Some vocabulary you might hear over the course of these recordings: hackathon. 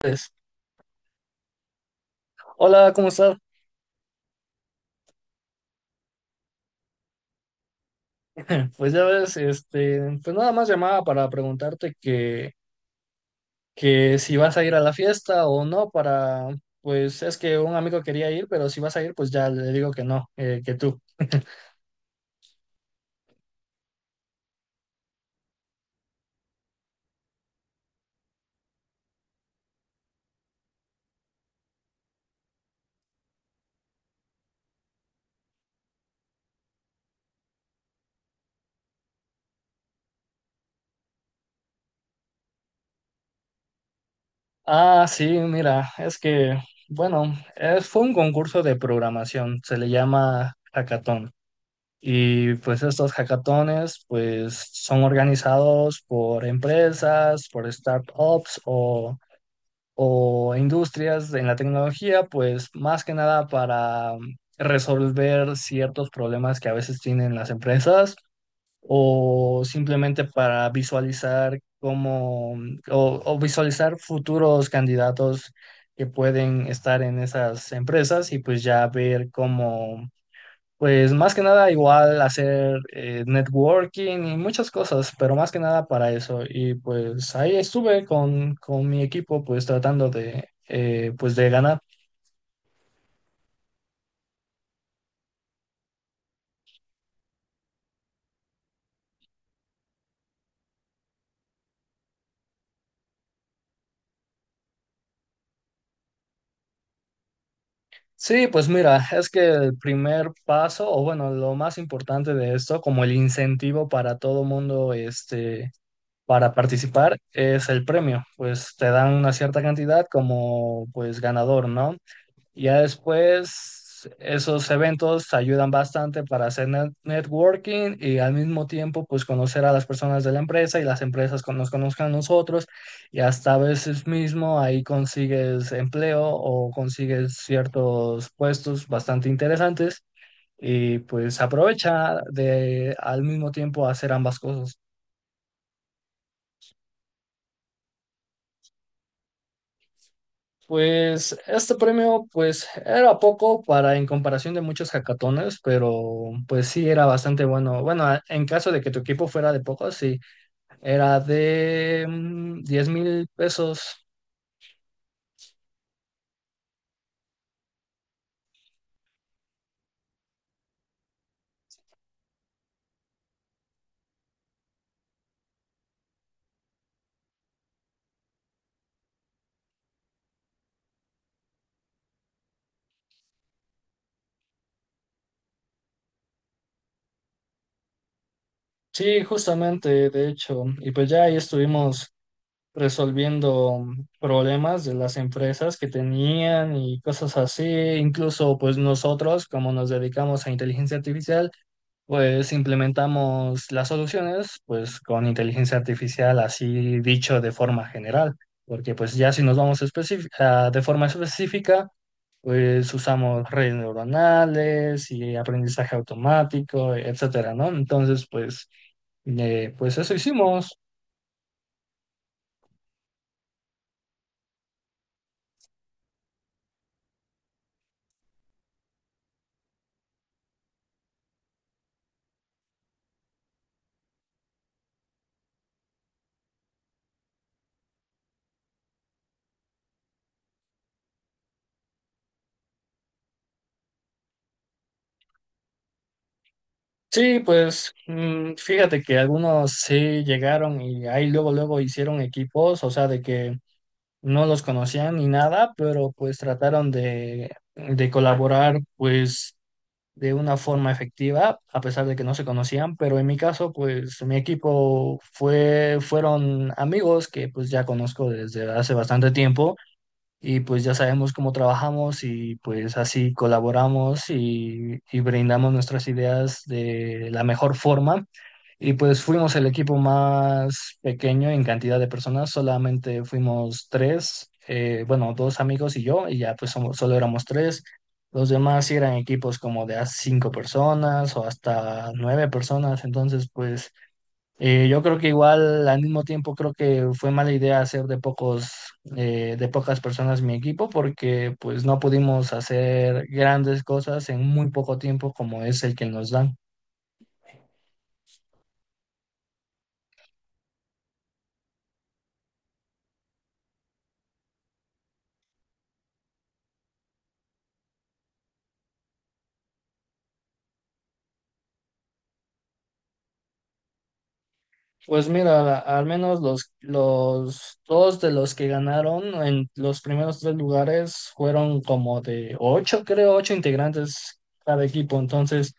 Pues. Hola, ¿cómo estás? Pues ya ves, este, pues nada más llamaba para preguntarte que si vas a ir a la fiesta o no, para, pues es que un amigo quería ir, pero si vas a ir, pues ya le digo que no, que tú. Ah, sí, mira, es que, bueno, fue un concurso de programación, se le llama hackathon. Y pues estos hackatones, pues son organizados por empresas, por startups o industrias en la tecnología, pues más que nada para resolver ciertos problemas que a veces tienen las empresas o simplemente para visualizar cómo o visualizar futuros candidatos que pueden estar en esas empresas y pues ya ver cómo pues más que nada igual hacer networking y muchas cosas, pero más que nada para eso. Y pues ahí estuve con mi equipo pues tratando de pues de ganar. Sí, pues mira, es que el primer paso, o bueno, lo más importante de esto, como el incentivo para todo mundo, este, para participar, es el premio. Pues te dan una cierta cantidad como pues ganador, ¿no? Ya después, esos eventos ayudan bastante para hacer networking y al mismo tiempo, pues conocer a las personas de la empresa y las empresas nos conozcan a nosotros y hasta a veces mismo ahí consigues empleo o consigues ciertos puestos bastante interesantes y pues aprovecha de al mismo tiempo hacer ambas cosas. Pues este premio pues era poco para en comparación de muchos hackatones, pero pues sí era bastante bueno. Bueno, en caso de que tu equipo fuera de poco, sí, era de 10 mil pesos. Sí, justamente, de hecho. Y pues ya ahí estuvimos resolviendo problemas de las empresas que tenían y cosas así. Incluso pues nosotros, como nos dedicamos a inteligencia artificial, pues implementamos las soluciones pues con inteligencia artificial, así dicho de forma general, porque pues ya si nos vamos de forma específica, pues usamos redes neuronales y aprendizaje automático, etcétera, ¿no? Entonces, pues, pues eso hicimos. Sí, pues fíjate que algunos sí llegaron y ahí luego, luego hicieron equipos, o sea, de que no los conocían ni nada, pero pues trataron de colaborar pues de una forma efectiva, a pesar de que no se conocían, pero en mi caso pues mi equipo fueron amigos que pues ya conozco desde hace bastante tiempo y pues ya sabemos cómo trabajamos y pues así colaboramos y brindamos nuestras ideas de la mejor forma. Y pues fuimos el equipo más pequeño en cantidad de personas, solamente fuimos tres, bueno, dos amigos y yo, y ya pues somos, solo éramos tres. Los demás sí eran equipos como de a cinco personas o hasta nueve personas, entonces pues yo creo que igual al mismo tiempo creo que fue mala idea hacer de pocos de pocas personas mi equipo porque pues no pudimos hacer grandes cosas en muy poco tiempo como es el que nos dan. Pues mira, al menos los dos de los que ganaron en los primeros tres lugares fueron como de ocho, creo, ocho integrantes cada equipo. Entonces,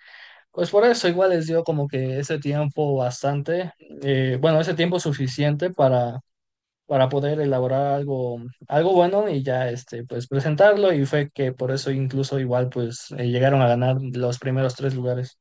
pues por eso igual les dio como que ese tiempo bastante, bueno, ese tiempo suficiente para poder elaborar algo, algo bueno y ya este, pues presentarlo y fue que por eso incluso igual pues llegaron a ganar los primeros tres lugares.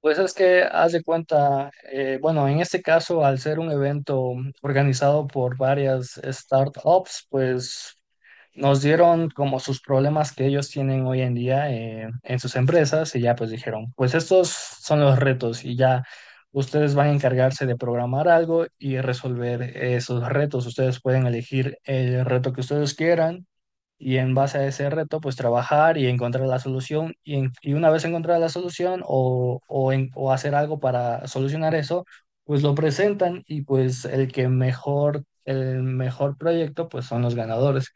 Pues es que haz de cuenta, bueno, en este caso, al ser un evento organizado por varias startups, pues nos dieron como sus problemas que ellos tienen hoy en día en sus empresas y ya pues dijeron, pues estos son los retos y ya ustedes van a encargarse de programar algo y resolver esos retos. Ustedes pueden elegir el reto que ustedes quieran y en base a ese reto, pues trabajar y encontrar la solución. Y una vez encontrada la solución o hacer algo para solucionar eso, pues lo presentan y pues el que mejor, el mejor proyecto, pues son los ganadores.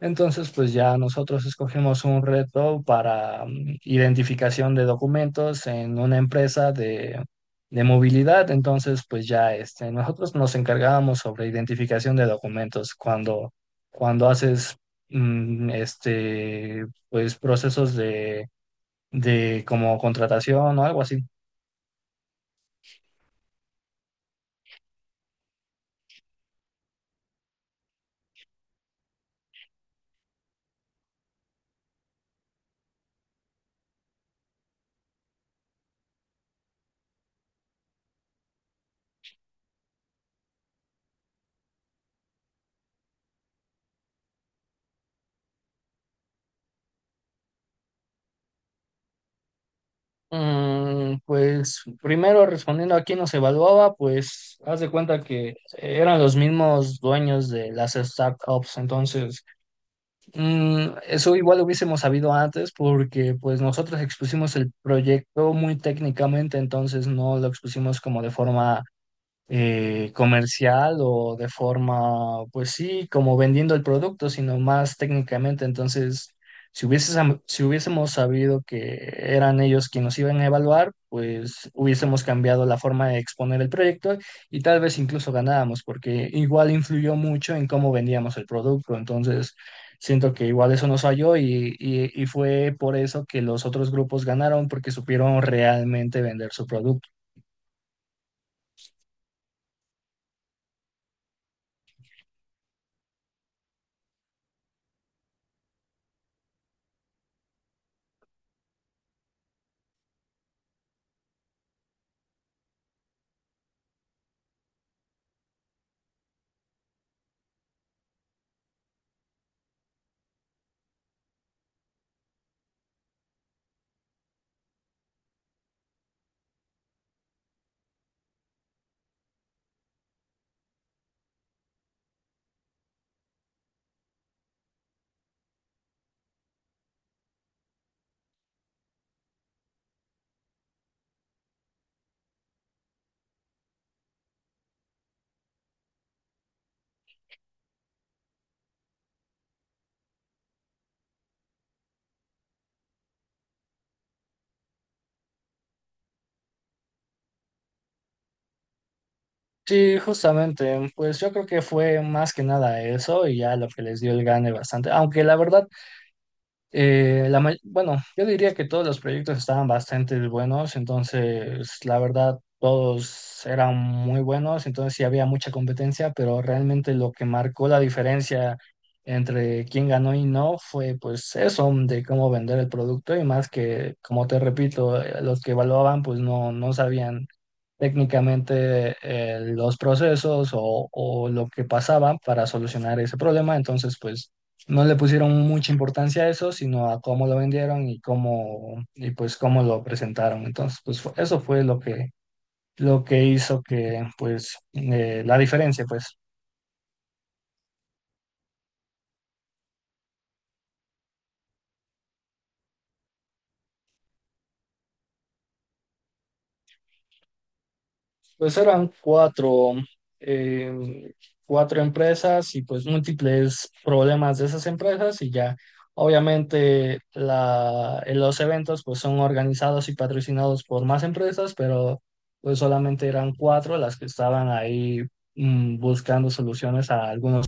Entonces, pues ya nosotros escogimos un reto para identificación de documentos en una empresa de movilidad. Entonces, pues ya este, nosotros nos encargábamos sobre identificación de documentos cuando haces este, pues procesos de como contratación o algo así. Pues primero respondiendo a quién nos evaluaba, pues haz de cuenta que eran los mismos dueños de las startups, entonces eso igual lo hubiésemos sabido antes porque pues nosotros expusimos el proyecto muy técnicamente, entonces no lo expusimos como de forma comercial o de forma, pues sí, como vendiendo el producto, sino más técnicamente. Entonces, si si hubiésemos sabido que eran ellos quienes nos iban a evaluar, pues hubiésemos cambiado la forma de exponer el proyecto y tal vez incluso ganábamos, porque igual influyó mucho en cómo vendíamos el producto. Entonces, siento que igual eso nos falló y fue por eso que los otros grupos ganaron, porque supieron realmente vender su producto. Sí, justamente, pues yo creo que fue más que nada eso y ya lo que les dio el gane bastante, aunque la verdad, bueno, yo diría que todos los proyectos estaban bastante buenos, entonces la verdad todos eran muy buenos, entonces sí había mucha competencia, pero realmente lo que marcó la diferencia entre quién ganó y no fue pues eso de cómo vender el producto y más que, como te repito, los que evaluaban pues no, no sabían técnicamente los procesos o lo que pasaba para solucionar ese problema. Entonces, pues no le pusieron mucha importancia a eso, sino a cómo lo vendieron y cómo, y pues cómo lo presentaron. Entonces, pues eso fue lo que hizo que, pues, la diferencia, pues. Pues eran eh, cuatro empresas y pues múltiples problemas de esas empresas y ya obviamente la, en los eventos pues son organizados y patrocinados por más empresas, pero pues solamente eran cuatro las que estaban ahí buscando soluciones a algunos.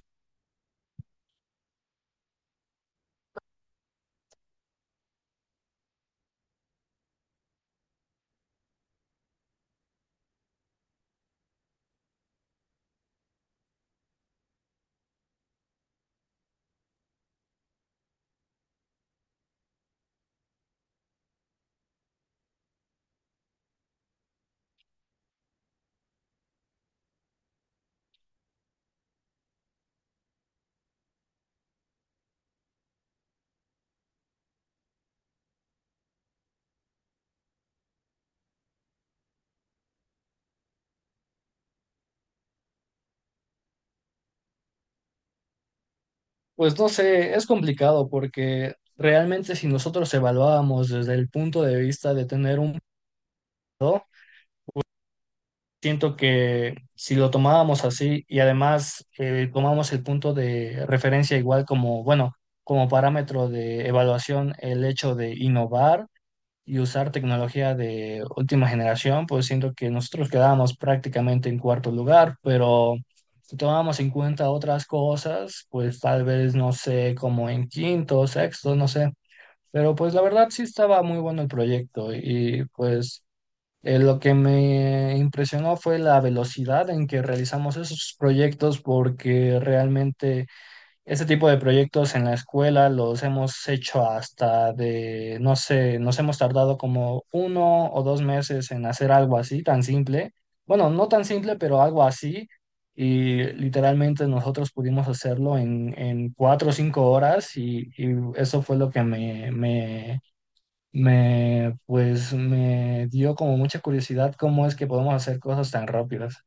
Pues no sé, es complicado porque realmente si nosotros evaluábamos desde el punto de vista de tener un siento que si lo tomábamos así y además tomamos el punto de referencia igual como, bueno, como parámetro de evaluación el hecho de innovar y usar tecnología de última generación, pues siento que nosotros quedábamos prácticamente en cuarto lugar, pero si tomábamos en cuenta otras cosas, pues tal vez, no sé, como en quinto, sexto, no sé. Pero pues la verdad sí estaba muy bueno el proyecto y pues... Lo que me impresionó fue la velocidad en que realizamos esos proyectos, porque realmente ese tipo de proyectos en la escuela los hemos hecho hasta de, no sé, nos hemos tardado como uno o dos meses en hacer algo así, tan simple. Bueno, no tan simple, pero algo así. Y literalmente nosotros pudimos hacerlo en, cuatro o cinco horas y eso fue lo que pues me dio como mucha curiosidad cómo es que podemos hacer cosas tan rápidas.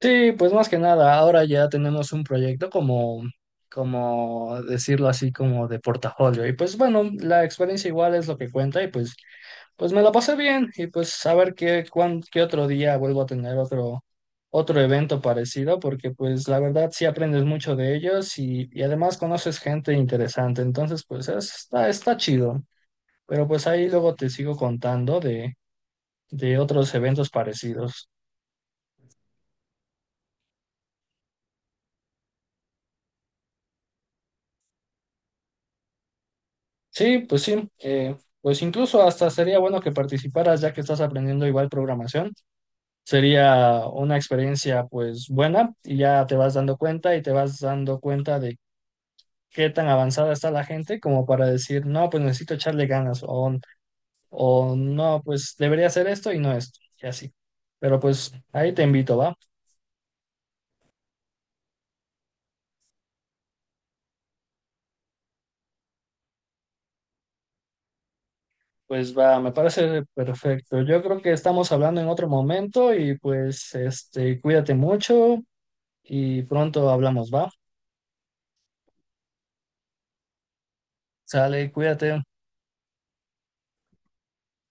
Sí, pues más que nada, ahora ya tenemos un proyecto como decirlo así, como de portafolio. Y pues bueno, la experiencia igual es lo que cuenta y pues, me lo pasé bien y pues a ver qué, qué otro día vuelvo a tener otro, otro evento parecido porque pues la verdad sí aprendes mucho de ellos y además conoces gente interesante. Entonces pues está, está chido. Pero pues ahí luego te sigo contando de otros eventos parecidos. Sí, pues sí. Pues incluso hasta sería bueno que participaras ya que estás aprendiendo igual programación. Sería una experiencia pues buena y ya te vas dando cuenta y te vas dando cuenta de qué tan avanzada está la gente como para decir, no, pues necesito echarle ganas o no, pues debería hacer esto y no esto y así. Pero pues ahí te invito, ¿va? Pues va, me parece perfecto. Yo creo que estamos hablando en otro momento y pues este, cuídate mucho y pronto hablamos, ¿va? Sale, cuídate.